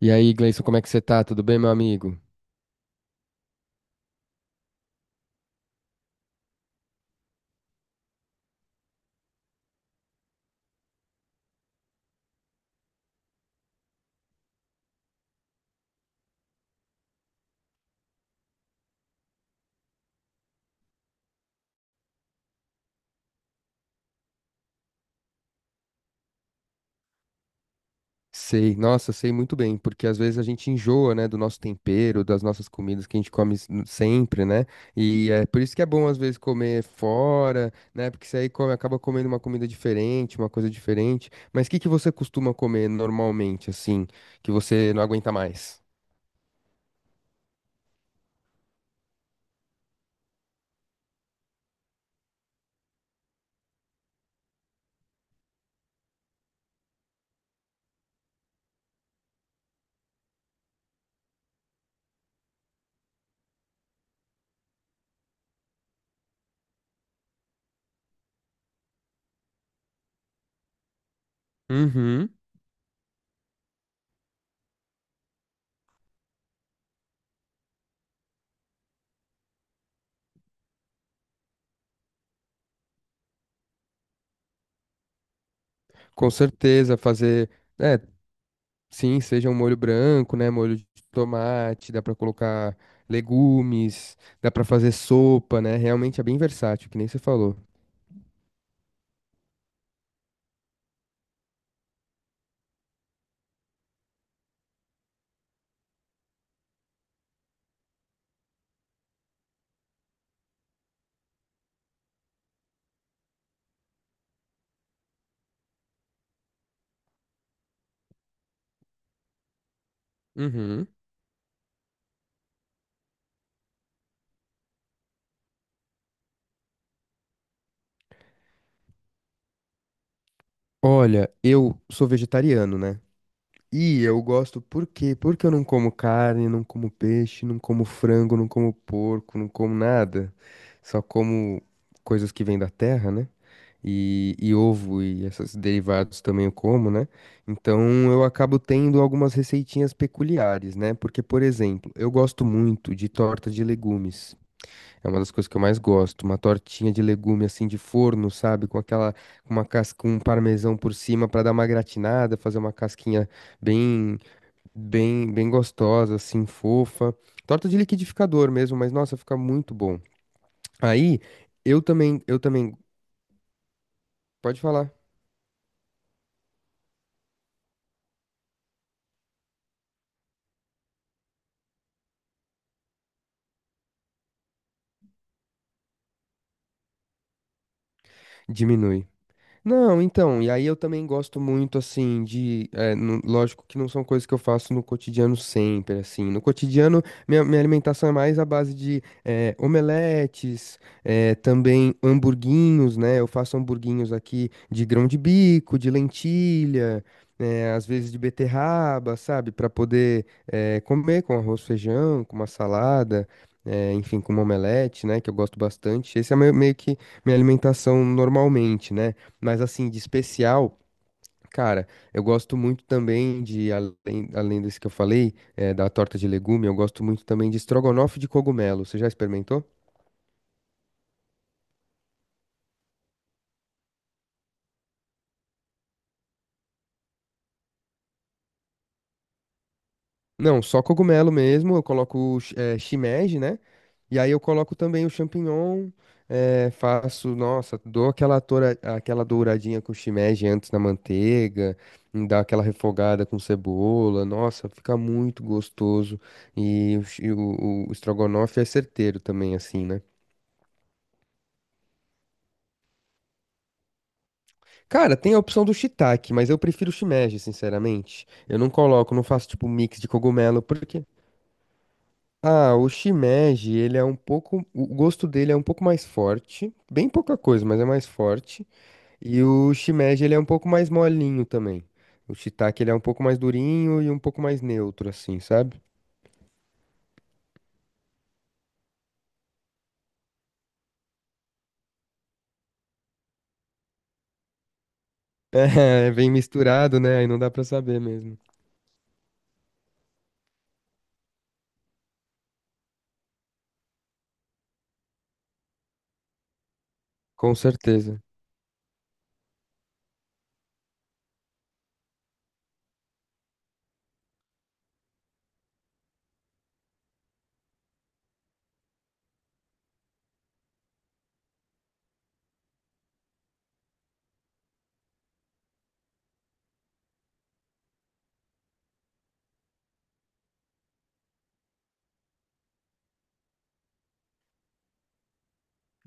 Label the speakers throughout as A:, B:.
A: E aí, Gleison, como é que você tá? Tudo bem, meu amigo? Sei, nossa, sei muito bem, porque às vezes a gente enjoa, né, do nosso tempero, das nossas comidas que a gente come sempre, né? E é por isso que é bom às vezes comer fora, né? Porque você aí come, acaba comendo uma comida diferente, uma coisa diferente. Mas o que que você costuma comer normalmente, assim, que você não aguenta mais? Uhum. Com certeza, fazer. É, Sim, seja um molho branco, né? Molho de tomate, dá pra colocar legumes, dá pra fazer sopa, né? Realmente é bem versátil, que nem você falou. Uhum. Olha, eu sou vegetariano, né? E eu gosto por quê? Porque eu não como carne, não como peixe, não como frango, não como porco, não como nada. Só como coisas que vêm da terra, né? E ovo e esses derivados também eu como, né? Então eu acabo tendo algumas receitinhas peculiares, né? Porque, por exemplo, eu gosto muito de torta de legumes. É uma das coisas que eu mais gosto, uma tortinha de legume assim de forno, sabe? Com aquela, com uma casca, com um parmesão por cima para dar uma gratinada, fazer uma casquinha bem, bem gostosa, assim, fofa. Torta de liquidificador mesmo, mas nossa, fica muito bom. Aí, eu também, pode falar. Diminui. Não, então, e aí eu também gosto muito, assim, de. Lógico que não são coisas que eu faço no cotidiano sempre, assim. No cotidiano, minha alimentação é mais à base de omeletes, também hamburguinhos, né? Eu faço hamburguinhos aqui de grão de bico, de lentilha, às vezes de beterraba, sabe? Para poder comer com arroz, feijão, com uma salada. Enfim, com uma omelete, né, que eu gosto bastante. Esse é meio que minha alimentação normalmente, né? Mas assim, de especial, cara, eu gosto muito também de, além, além desse que eu falei, da torta de legume, eu gosto muito também de estrogonofe de cogumelo. Você já experimentou? Não, só cogumelo mesmo. Eu coloco shimeji, né? E aí eu coloco também o champignon, faço, nossa, aquela douradinha com shimeji antes na manteiga, dá aquela refogada com cebola, nossa, fica muito gostoso. E, o estrogonofe é certeiro também, assim, né? Cara, tem a opção do shiitake, mas eu prefiro o shimeji, sinceramente. Eu não coloco, não faço tipo mix de cogumelo, porque ah, o shimeji, ele é um pouco, o gosto dele é um pouco mais forte, bem pouca coisa, mas é mais forte. E o shimeji, ele é um pouco mais molinho também. O shiitake, ele é um pouco mais durinho e um pouco mais neutro assim, sabe? É, vem misturado, né? Aí não dá pra saber mesmo. Com certeza.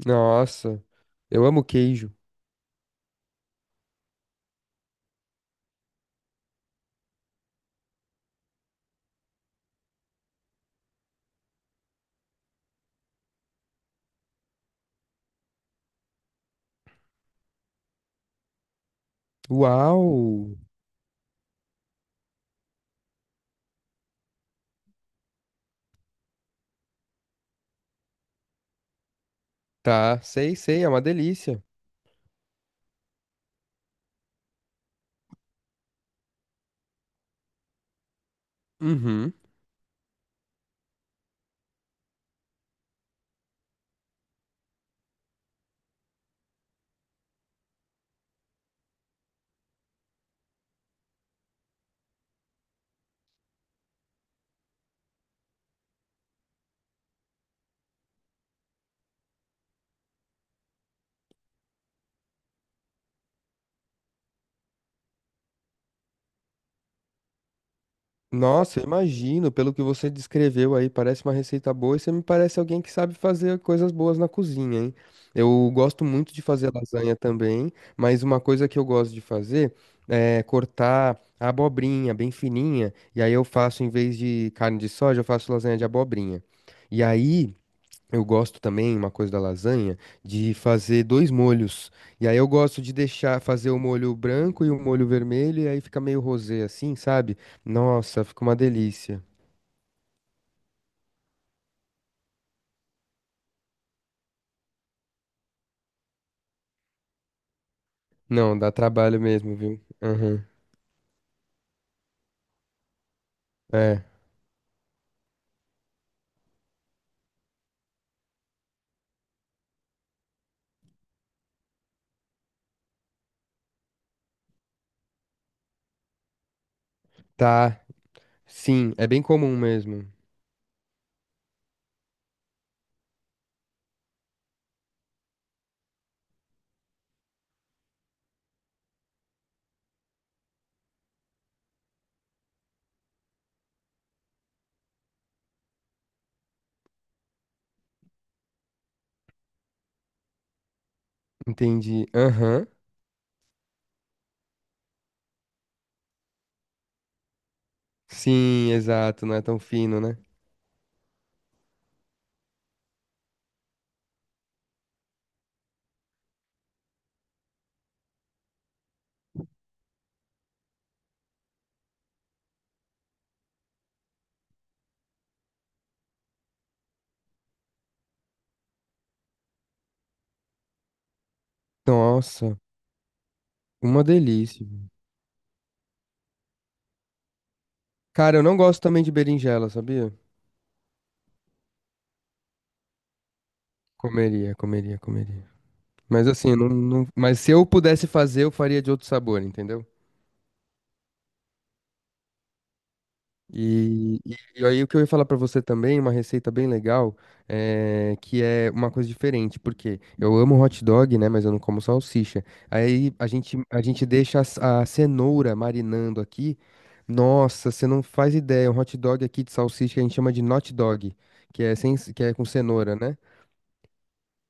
A: Nossa, eu amo queijo. Uau! Tá, sei, sei, é uma delícia. Uhum. Nossa, eu imagino, pelo que você descreveu aí, parece uma receita boa e você me parece alguém que sabe fazer coisas boas na cozinha, hein? Eu gosto muito de fazer lasanha também, mas uma coisa que eu gosto de fazer é cortar a abobrinha bem fininha, e aí eu faço, em vez de carne de soja, eu faço lasanha de abobrinha. E aí. Eu gosto também, uma coisa da lasanha, de fazer dois molhos. E aí eu gosto de deixar fazer o molho branco e o molho vermelho, e aí fica meio rosé assim, sabe? Nossa, fica uma delícia. Não, dá trabalho mesmo, viu? Aham. É. Tá. Sim, é bem comum mesmo. Entendi. Aham. Sim, exato, não é tão fino, né? Nossa, uma delícia. Cara, eu não gosto também de berinjela, sabia? Comeria, comeria, comeria. Mas assim, mas se eu pudesse fazer, eu faria de outro sabor, entendeu? E, e- e aí o que eu ia falar pra você também, uma receita bem legal, que é uma coisa diferente, porque eu amo hot dog, né, mas eu não como salsicha. Aí a gente deixa a cenoura marinando aqui. Nossa, você não faz ideia, um hot dog aqui de salsicha que a gente chama de not dog, que é sem, c- que é com cenoura, né?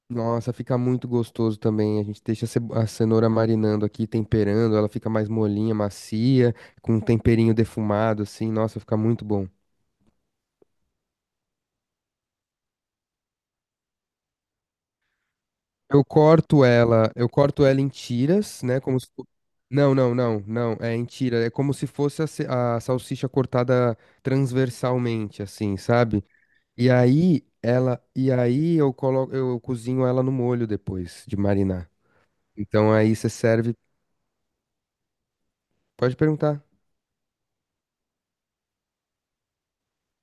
A: Nossa, fica muito gostoso também. A gente deixa a cenoura marinando aqui, temperando, ela fica mais molinha, macia, com um temperinho defumado, assim. Nossa, fica muito bom. Eu corto ela em tiras, né? Como se... fo- Não, não, não, não. É em tira. É como se fosse a salsicha cortada transversalmente, assim, sabe? E aí eu coloco, eu cozinho ela no molho depois de marinar. Então aí você serve. Pode perguntar.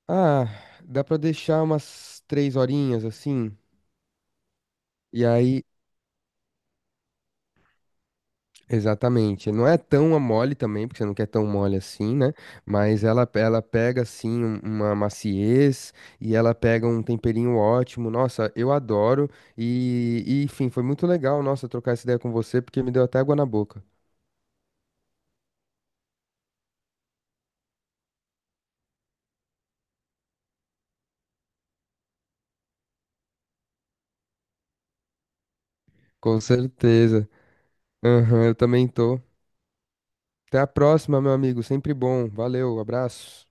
A: Ah, dá pra deixar umas 3 horinhas assim. E aí, exatamente. Não é tão a mole também, porque você não quer tão mole assim, né? Mas ela pega assim uma maciez e ela pega um temperinho ótimo. Nossa, eu adoro. Enfim, foi muito legal, nossa, trocar essa ideia com você, porque me deu até água na boca. Com certeza. Aham, eu também tô. Até a próxima, meu amigo. Sempre bom. Valeu, abraço.